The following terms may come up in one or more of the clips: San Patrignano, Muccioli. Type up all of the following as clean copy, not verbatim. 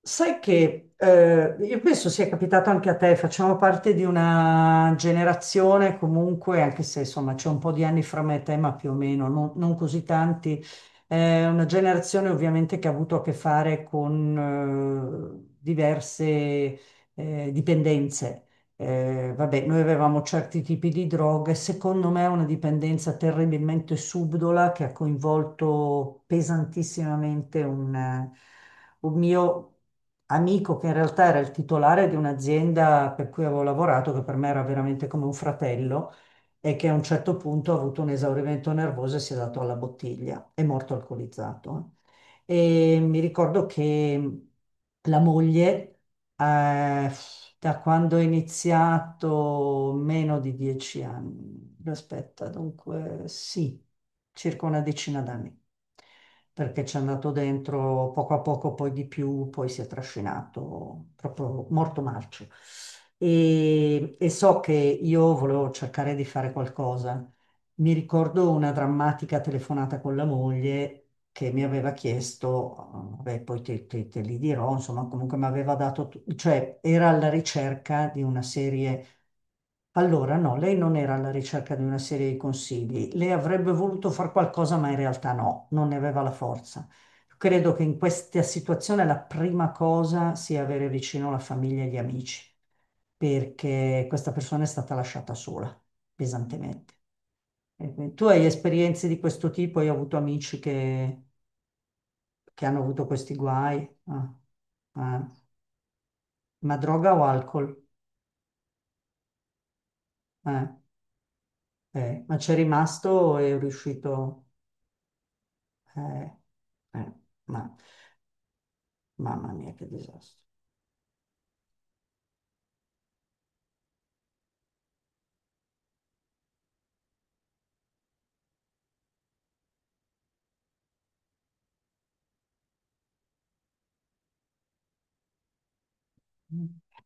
Sai che io penso sia capitato anche a te, facciamo parte di una generazione comunque, anche se insomma c'è un po' di anni fra me e te, ma più o meno, non così tanti, una generazione ovviamente che ha avuto a che fare con diverse dipendenze. Vabbè, noi avevamo certi tipi di droghe, secondo me è una dipendenza terribilmente subdola che ha coinvolto pesantissimamente un mio amico che in realtà era il titolare di un'azienda per cui avevo lavorato, che per me era veramente come un fratello, e che a un certo punto ha avuto un esaurimento nervoso e si è dato alla bottiglia, è morto alcolizzato. E mi ricordo che la moglie, eh, da quando ho iniziato, meno di 10 anni, aspetta, dunque sì, circa una decina d'anni, perché ci è andato dentro poco a poco, poi di più, poi si è trascinato proprio morto marcio. E so che io volevo cercare di fare qualcosa, mi ricordo una drammatica telefonata con la moglie che mi aveva chiesto, beh, poi te li dirò, insomma, comunque mi aveva dato, cioè era alla ricerca di una serie. Allora, no, lei non era alla ricerca di una serie di consigli, lei avrebbe voluto fare qualcosa, ma in realtà no, non ne aveva la forza. Credo che in questa situazione la prima cosa sia avere vicino la famiglia e gli amici, perché questa persona è stata lasciata sola, pesantemente. Tu hai esperienze di questo tipo? Io ho avuto amici che hanno avuto questi guai. Ah, ah. Ma droga o alcol? Eh, Ma c'è rimasto e è riuscito. eh, eh, ma, Mamma mia, che disastro.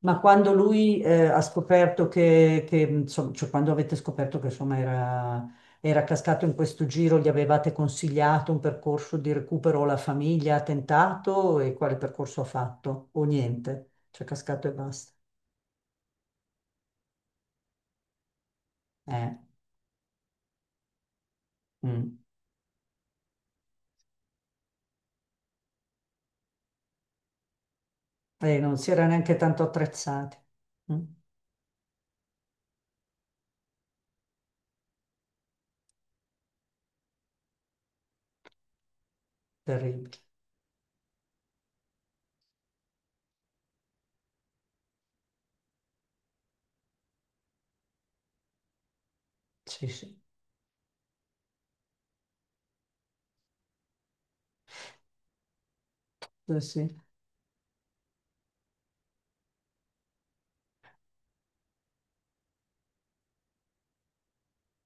Ma quando lui ha scoperto insomma, cioè quando avete scoperto che insomma era, era cascato in questo giro, gli avevate consigliato un percorso di recupero, la famiglia ha tentato e quale percorso ha fatto? O niente, cioè cascato e basta. Eh, mm. E non si era neanche tanto attrezzati. Mm. Terribile. Sì, sì. Sì, sì.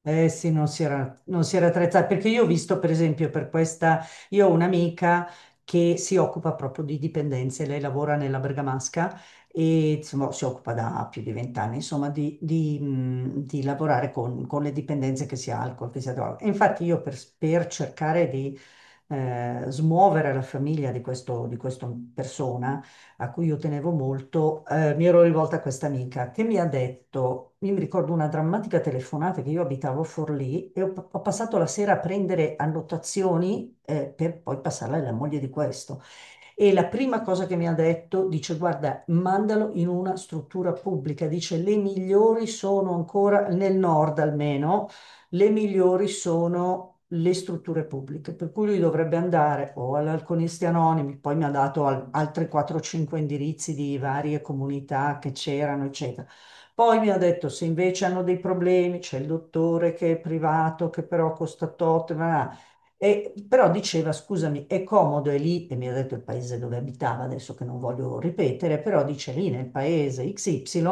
Eh sì, non si era attrezzata, perché io ho visto per esempio per questa, io ho un'amica che si occupa proprio di dipendenze, lei lavora nella Bergamasca e insomma, si occupa da più di 20 anni, insomma, di lavorare con le dipendenze che sia alcol, che sia droga. E infatti io per cercare di smuovere la famiglia di questo, di questa persona, a cui io tenevo molto, mi ero rivolta a questa amica che mi ha detto, io mi ricordo una drammatica telefonata che io abitavo a Forlì e ho passato la sera a prendere annotazioni, per poi passarla alla moglie di questo. E la prima cosa che mi ha detto, dice, guarda, mandalo in una struttura pubblica, dice, le migliori sono ancora, nel nord almeno, le migliori sono le strutture pubbliche, per cui lui dovrebbe andare o all'Alconisti Anonimi, poi mi ha dato altri 4-5 indirizzi di varie comunità che c'erano, eccetera. Poi mi ha detto se invece hanno dei problemi, c'è il dottore che è privato, che però costa tot, ma però diceva, scusami, è comodo, è lì, e mi ha detto il paese dove abitava, adesso che non voglio ripetere, però dice lì nel paese XY,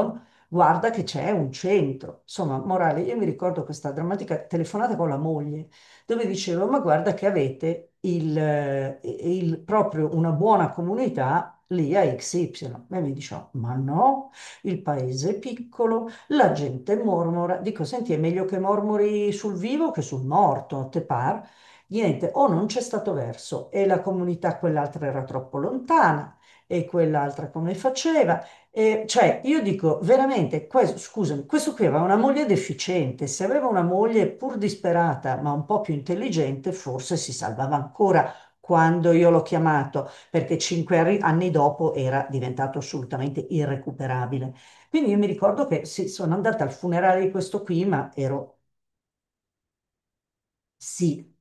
guarda che c'è un centro. Insomma, morale, io mi ricordo questa drammatica telefonata con la moglie, dove dicevo, ma guarda che avete proprio una buona comunità lì a XY. E mi diceva, ma no, il paese è piccolo, la gente mormora. Dico, senti, è meglio che mormori sul vivo che sul morto, te par? Niente, o non c'è stato verso e la comunità quell'altra era troppo lontana e quell'altra come faceva. E, cioè, io dico veramente, questo, scusami, questo qui aveva una moglie deficiente, se aveva una moglie pur disperata ma un po' più intelligente, forse si salvava ancora quando io l'ho chiamato, perché cinque anni dopo era diventato assolutamente irrecuperabile. Quindi io mi ricordo che sì, sono andata al funerale di questo qui, ma ero sì.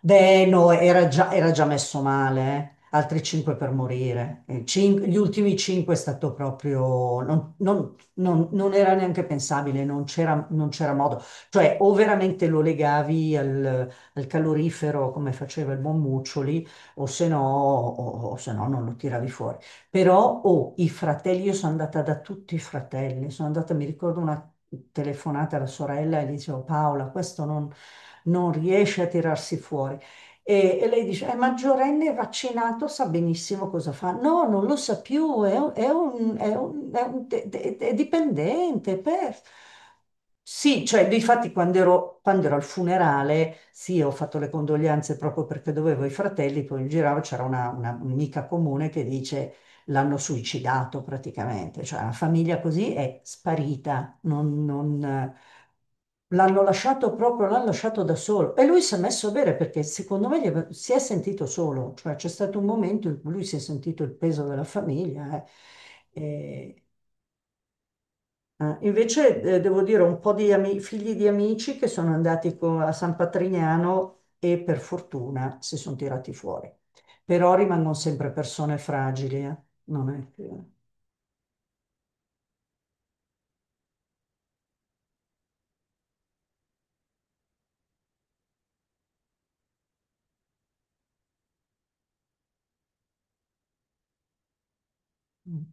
Beh, no, era già messo male, eh. Altri 5 per morire. Gli ultimi 5 è stato proprio... Non era neanche pensabile, non c'era modo. Cioè, o veramente lo legavi al calorifero come faceva il buon Muccioli, o se no, o se no non lo tiravi fuori. Però oh, i fratelli, io sono andata da tutti i fratelli, sono andata, mi ricordo una telefonata alla sorella e gli dicevo Paola, questo non, non riesce a tirarsi fuori. E lei dice, è maggiorenne, è vaccinato, sa benissimo cosa fa. No, non lo sa più, è, un- è un- è un- è un- è dipendente. Per... Sì, cioè, difatti quando ero al funerale, sì, ho fatto le condoglianze proprio perché dovevo i fratelli, poi in giro c'era una un'amica comune che dice, l'hanno suicidato praticamente, cioè una famiglia così è sparita, l'hanno lasciato proprio, l'hanno lasciato da solo e lui si è messo a bere perché secondo me si è sentito solo, cioè c'è stato un momento in cui lui si è sentito il peso della famiglia. E- Invece devo dire un po' di figli di amici che sono andati a San Patrignano e per fortuna si sono tirati fuori. Però rimangono sempre persone fragili, eh. Non è che... mm.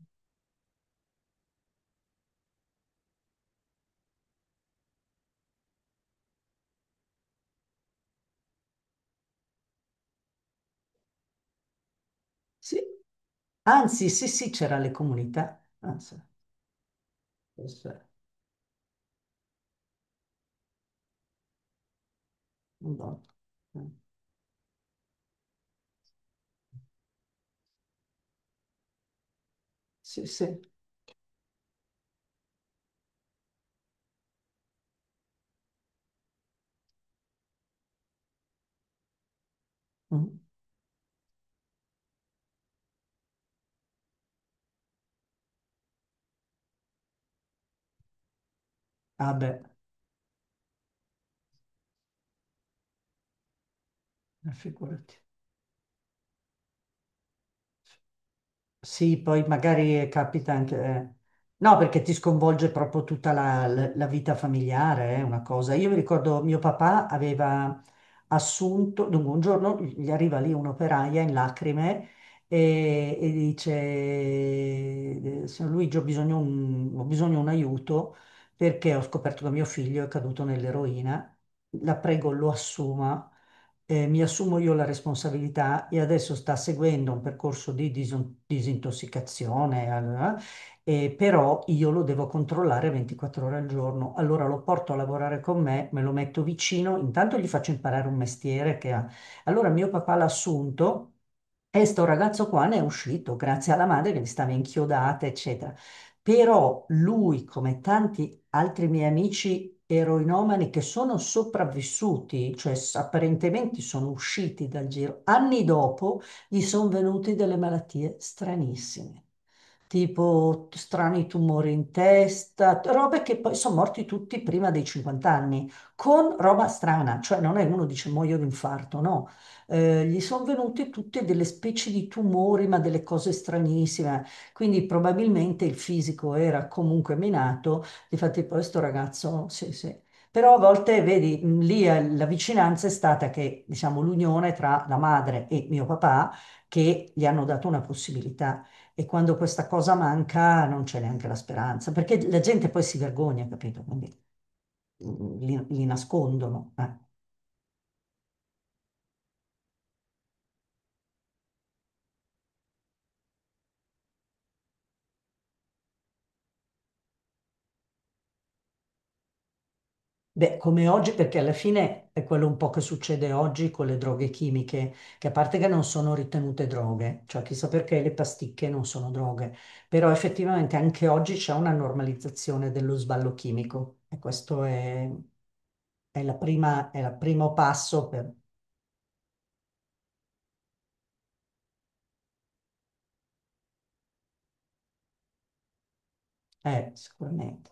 Sì. Anzi, sì, sì, c'era le comunità. Ah, sì, questo è un buon- Sì, sì. Mm. Ah beh, figurati. Sì, poi magari capita anche.... No, perché ti sconvolge proprio tutta la vita familiare, è una cosa. Io mi ricordo mio papà aveva assunto, dunque un giorno gli arriva lì un'operaia in lacrime e dice, signor Luigi, ho bisogno un aiuto perché ho scoperto che mio figlio è caduto nell'eroina, la prego lo assuma, mi assumo io la responsabilità e adesso sta seguendo un percorso di disintossicazione, allora, però io lo devo controllare 24 ore al giorno. Allora lo porto a lavorare con me, me lo metto vicino, intanto gli faccio imparare un mestiere che ha. Allora mio papà l'ha assunto. E sto ragazzo qua ne è uscito grazie alla madre che gli stava inchiodata, eccetera. Però lui, come tanti altri miei amici eroinomani che sono sopravvissuti, cioè apparentemente sono usciti dal giro. Anni dopo gli sono venute delle malattie stranissime, tipo strani tumori in testa, robe che poi sono morti tutti prima dei 50 anni, con roba strana, cioè non è uno dice muoio di infarto, no. Gli sono venute tutte delle specie di tumori, ma delle cose stranissime. Quindi probabilmente il fisico era comunque minato. Difatti poi sto ragazzo, sì, sì. Però a volte, vedi, lì la vicinanza è stata che, diciamo, l'unione tra la madre e mio papà che gli hanno dato una possibilità. E quando questa cosa manca non c'è neanche la speranza, perché la gente poi si vergogna, capito? Quindi li nascondono. Beh, come oggi, perché alla fine è quello un po' che succede oggi con le droghe chimiche, che a parte che non sono ritenute droghe, cioè chissà perché le pasticche non sono droghe, però effettivamente anche oggi c'è una normalizzazione dello sballo chimico e questo è la è il primo passo per... sicuramente.